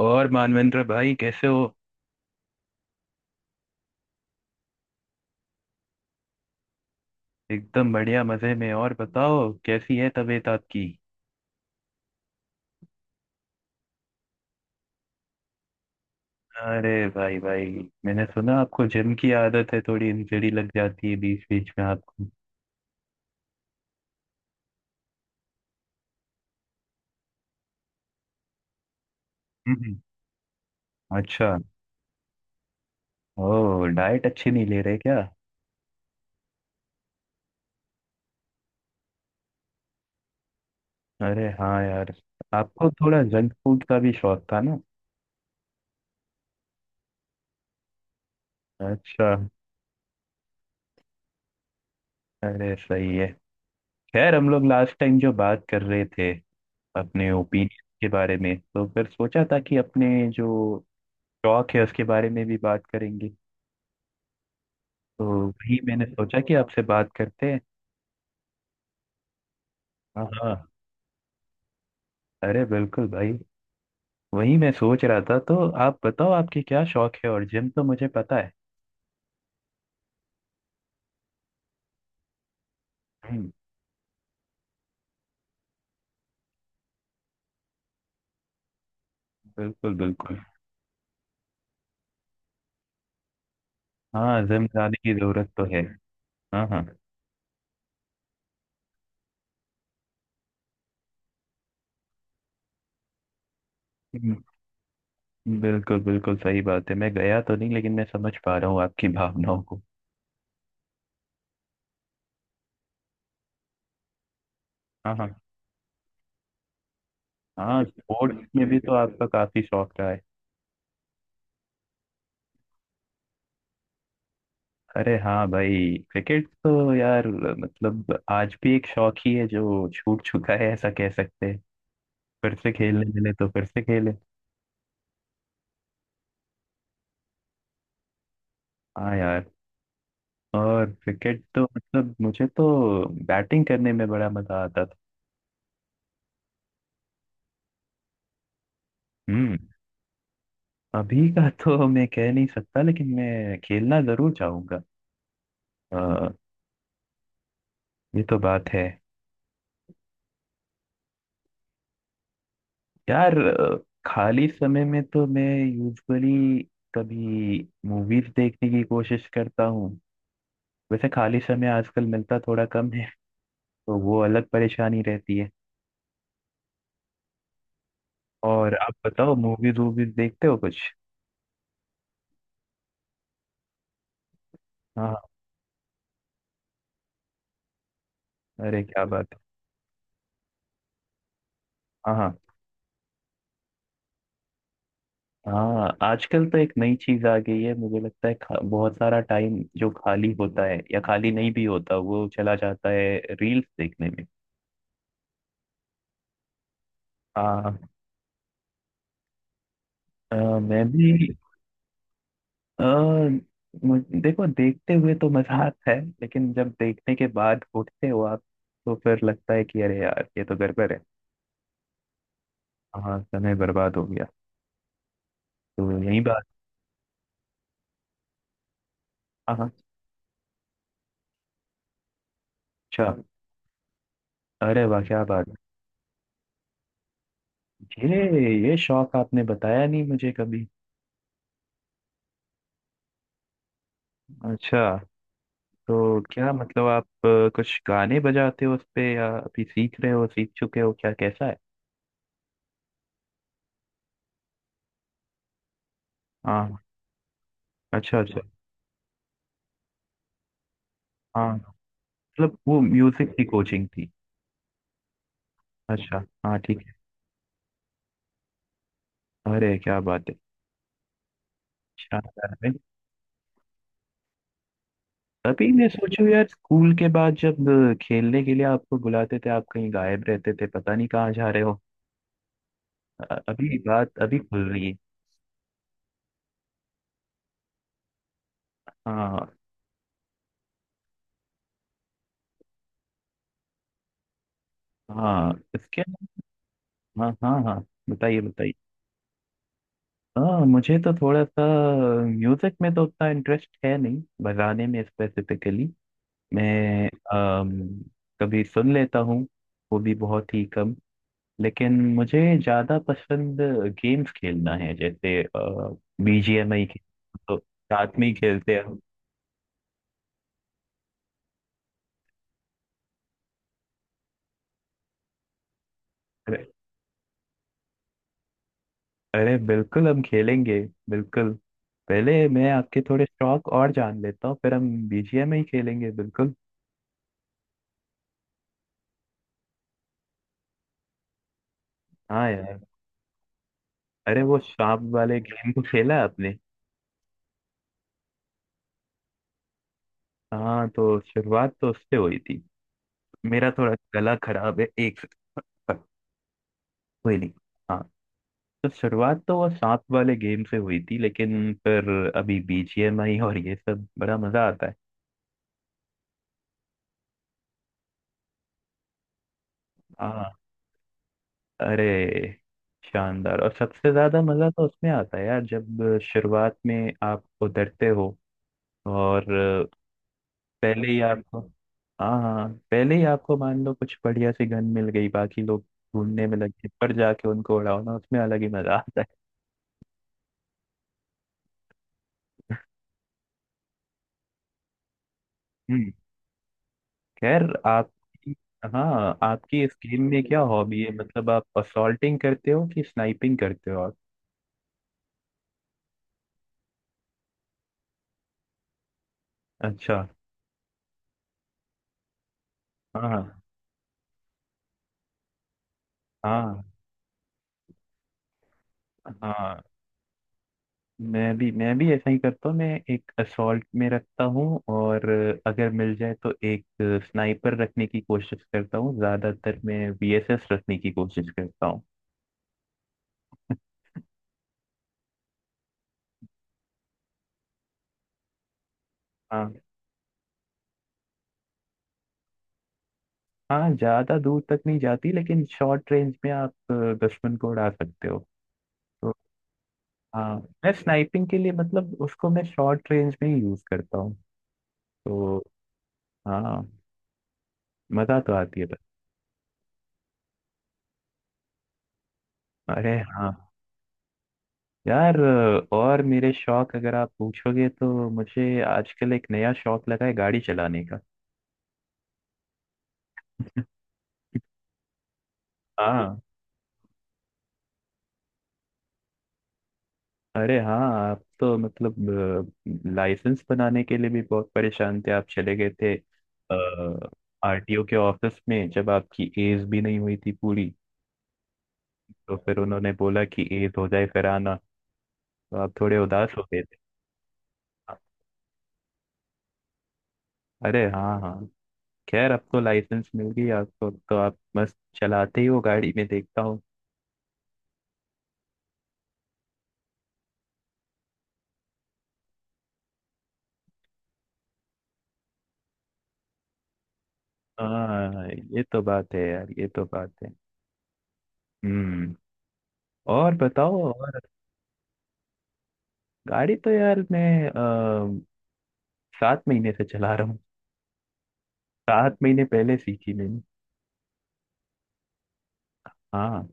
और मानवेंद्र भाई कैसे हो। एकदम बढ़िया मजे में। और बताओ कैसी है तबीयत आपकी। अरे भाई भाई, मैंने सुना आपको जिम की आदत है, थोड़ी इंजरी लग जाती है बीच बीच में आपको। हम्म। अच्छा। ओ डाइट अच्छी नहीं ले रहे क्या। अरे हाँ यार, आपको थोड़ा जंक फूड का भी शौक था ना। अच्छा। अरे सही है। खैर हम लोग लास्ट टाइम जो बात कर रहे थे अपने ओपिनियन के बारे में, तो फिर सोचा था कि अपने जो शौक है उसके बारे में भी बात करेंगे। तो वही मैंने सोचा कि आपसे बात करते हैं। हाँ हाँ। अरे बिल्कुल भाई। वही मैं सोच रहा था, तो आप बताओ आपके क्या शौक है, और जिम तो मुझे पता है। हम्म, बिल्कुल बिल्कुल। हाँ जिम जाने की जरूरत तो है। हाँ हाँ। हम्म, बिल्कुल बिल्कुल सही बात है, मैं गया तो नहीं लेकिन मैं समझ पा रहा हूँ आपकी भावनाओं को। हाँ हाँ। हाँ स्पोर्ट्स में भी तो आपका काफी शौक रहा है। अरे हाँ भाई, क्रिकेट तो यार मतलब आज भी एक शौक ही है जो छूट चुका है, ऐसा कह सकते हैं। फिर से खेलने मिले तो फिर से खेले। हाँ यार, और क्रिकेट तो मतलब मुझे तो बैटिंग करने में बड़ा मजा आता था। हम्म। अभी का तो मैं कह नहीं सकता, लेकिन मैं खेलना जरूर चाहूंगा। अ, ये तो बात है। यार, खाली समय में तो मैं यूजुअली कभी मूवीज देखने की कोशिश करता हूँ। वैसे खाली समय आजकल मिलता थोड़ा कम है, तो वो अलग परेशानी रहती है। और आप बताओ मूवीज वूवीज देखते हो कुछ। हाँ हाँ, अरे क्या बात है। हाँ हाँ हाँ आजकल तो एक नई चीज आ गई है, मुझे लगता है बहुत सारा टाइम जो खाली होता है या खाली नहीं भी होता वो चला जाता है रील्स देखने में। हाँ। मैं भी। अ, देखो, देखते हुए तो मजा आता है लेकिन जब देखने के बाद उठते हो आप तो फिर लगता है कि अरे यार ये तो गड़बड़ है। हाँ समय बर्बाद हो गया। तो यही बात। हाँ हाँ। अच्छा। अरे वाह क्या बात। ये ये शौक आपने बताया नहीं मुझे कभी। अच्छा। तो क्या मतलब आप कुछ गाने बजाते हो उस पे, या अभी सीख रहे हो, सीख चुके हो क्या, कैसा है। हाँ। अच्छा अच्छा। हाँ मतलब वो म्यूजिक की कोचिंग थी। अच्छा हाँ ठीक है। अरे क्या बात है, शानदार है। अभी मैं सोचूं यार, स्कूल के बाद जब खेलने के लिए आपको बुलाते थे आप कहीं गायब रहते थे, पता नहीं कहाँ जा रहे हो। अभी बात अभी खुल रही है। हाँ। हाँ इसके हाँ हाँ हाँ, बताइए बताइए। हाँ मुझे तो थोड़ा सा म्यूजिक में तो उतना इंटरेस्ट है नहीं, बजाने में स्पेसिफिकली। मैं अम, कभी सुन लेता हूँ, वो भी बहुत ही कम। लेकिन मुझे ज़्यादा पसंद गेम्स खेलना है, जैसे बीजीएमआई, तो साथ में ही खेलते हैं। अरे बिल्कुल हम खेलेंगे, बिल्कुल। पहले मैं आपके थोड़े शौक और जान लेता हूँ, फिर हम बीजीएम ही खेलेंगे बिल्कुल। हाँ यार। अरे वो सांप वाले गेम को खेला है आपने। हाँ तो शुरुआत तो उससे हुई थी। मेरा थोड़ा गला खराब है, एक सेकंड। पर कोई नहीं। हाँ तो शुरुआत तो वो सांप वाले गेम से हुई थी, लेकिन फिर अभी बीजीएम आई और ये सब बड़ा मजा आता है। हाँ, अरे शानदार, और सबसे ज्यादा मजा तो उसमें आता है यार जब शुरुआत में आप उतरते हो और पहले ही आपको, हाँ हाँ पहले ही आपको मान लो कुछ बढ़िया सी गन मिल गई, बाकी लोग ढूंढने में लगे पर जाके उनको उड़ाओ ना, उसमें अलग ही मजा आता है। हम्म। खैर आप हाँ आपकी इस गेम में क्या हॉबी है, मतलब आप असॉल्टिंग करते हो कि स्नाइपिंग करते हो आप। अच्छा। हाँ हाँ हाँ मैं भी ऐसा ही करता हूँ, मैं एक असॉल्ट में रखता हूँ और अगर मिल जाए तो एक स्नाइपर रखने की कोशिश करता हूँ, ज्यादातर मैं वीएसएस रखने की कोशिश करता हूँ। हाँ। हाँ ज्यादा दूर तक नहीं जाती लेकिन शॉर्ट रेंज में आप दुश्मन को उड़ा सकते हो। तो हाँ मैं स्नाइपिंग के लिए मतलब उसको मैं शॉर्ट रेंज में ही यूज करता हूँ। तो हाँ, मजा तो आती है बस। अरे हाँ यार, और मेरे शौक अगर आप पूछोगे तो मुझे आजकल एक नया शौक लगा है गाड़ी चलाने का। हाँ। अरे हाँ आप तो मतलब लाइसेंस बनाने के लिए भी बहुत परेशान थे, आप चले गए थे आरटीओ के ऑफिस में जब आपकी एज भी नहीं हुई थी पूरी, तो फिर उन्होंने बोला कि एज हो जाए फिर आना, तो आप थोड़े उदास हो गए थे। अरे हाँ हाँ। खैर अब तो लाइसेंस मिल गई आपको तो आप मस्त चलाते ही हो गाड़ी, में देखता। हाँ ये तो बात है यार, ये तो बात है। हम्म। और बताओ और। गाड़ी तो यार मैं सात महीने से चला रहा हूँ, सात महीने पहले सीखी मैंने। हाँ।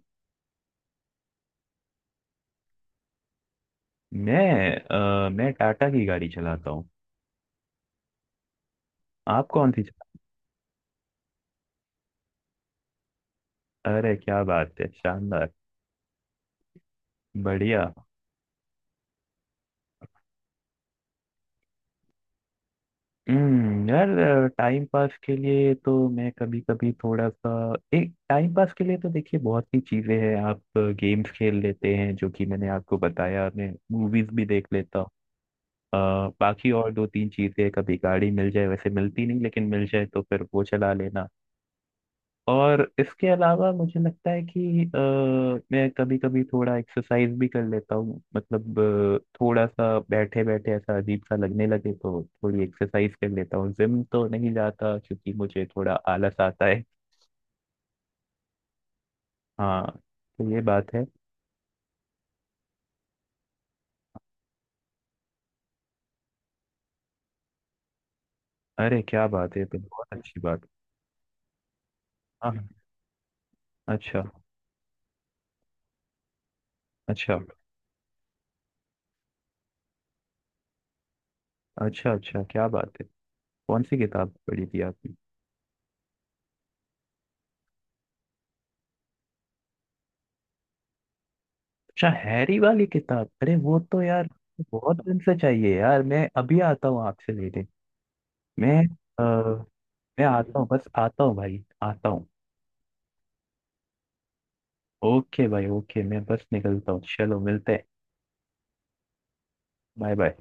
मैं मैं टाटा की गाड़ी चलाता हूँ। आप कौन सी चला। अरे क्या बात है शानदार, बढ़िया। यार टाइम पास के लिए तो मैं कभी कभी थोड़ा सा, एक टाइम पास के लिए तो देखिए बहुत सी चीजें हैं, आप गेम्स खेल लेते हैं, जो कि मैंने आपको बताया, मैं मूवीज भी देख लेता। अ, बाकी और दो तीन चीजें, कभी गाड़ी मिल जाए, वैसे मिलती नहीं लेकिन मिल जाए तो फिर वो चला लेना। और इसके अलावा मुझे लगता है कि मैं कभी कभी थोड़ा एक्सरसाइज भी कर लेता हूँ, मतलब थोड़ा सा बैठे बैठे ऐसा अजीब सा लगने लगे तो थोड़ी एक्सरसाइज कर लेता हूँ, जिम तो नहीं जाता क्योंकि मुझे थोड़ा आलस आता है। हाँ तो ये बात है। अरे क्या बात है, ये तो बहुत अच्छी बात। हाँ हाँ। अच्छा। अच्छा। अच्छा अच्छा क्या बात है, कौन सी किताब पढ़ी थी आपने। अच्छा हैरी वाली किताब, अरे वो तो यार बहुत दिन से चाहिए यार, मैं अभी आता हूँ आपसे लेने। मैं अ, मैं आता हूँ, बस आता हूँ भाई, आता हूँ। ओके भाई ओके, मैं बस निकलता हूँ, चलो मिलते हैं। Bye bye.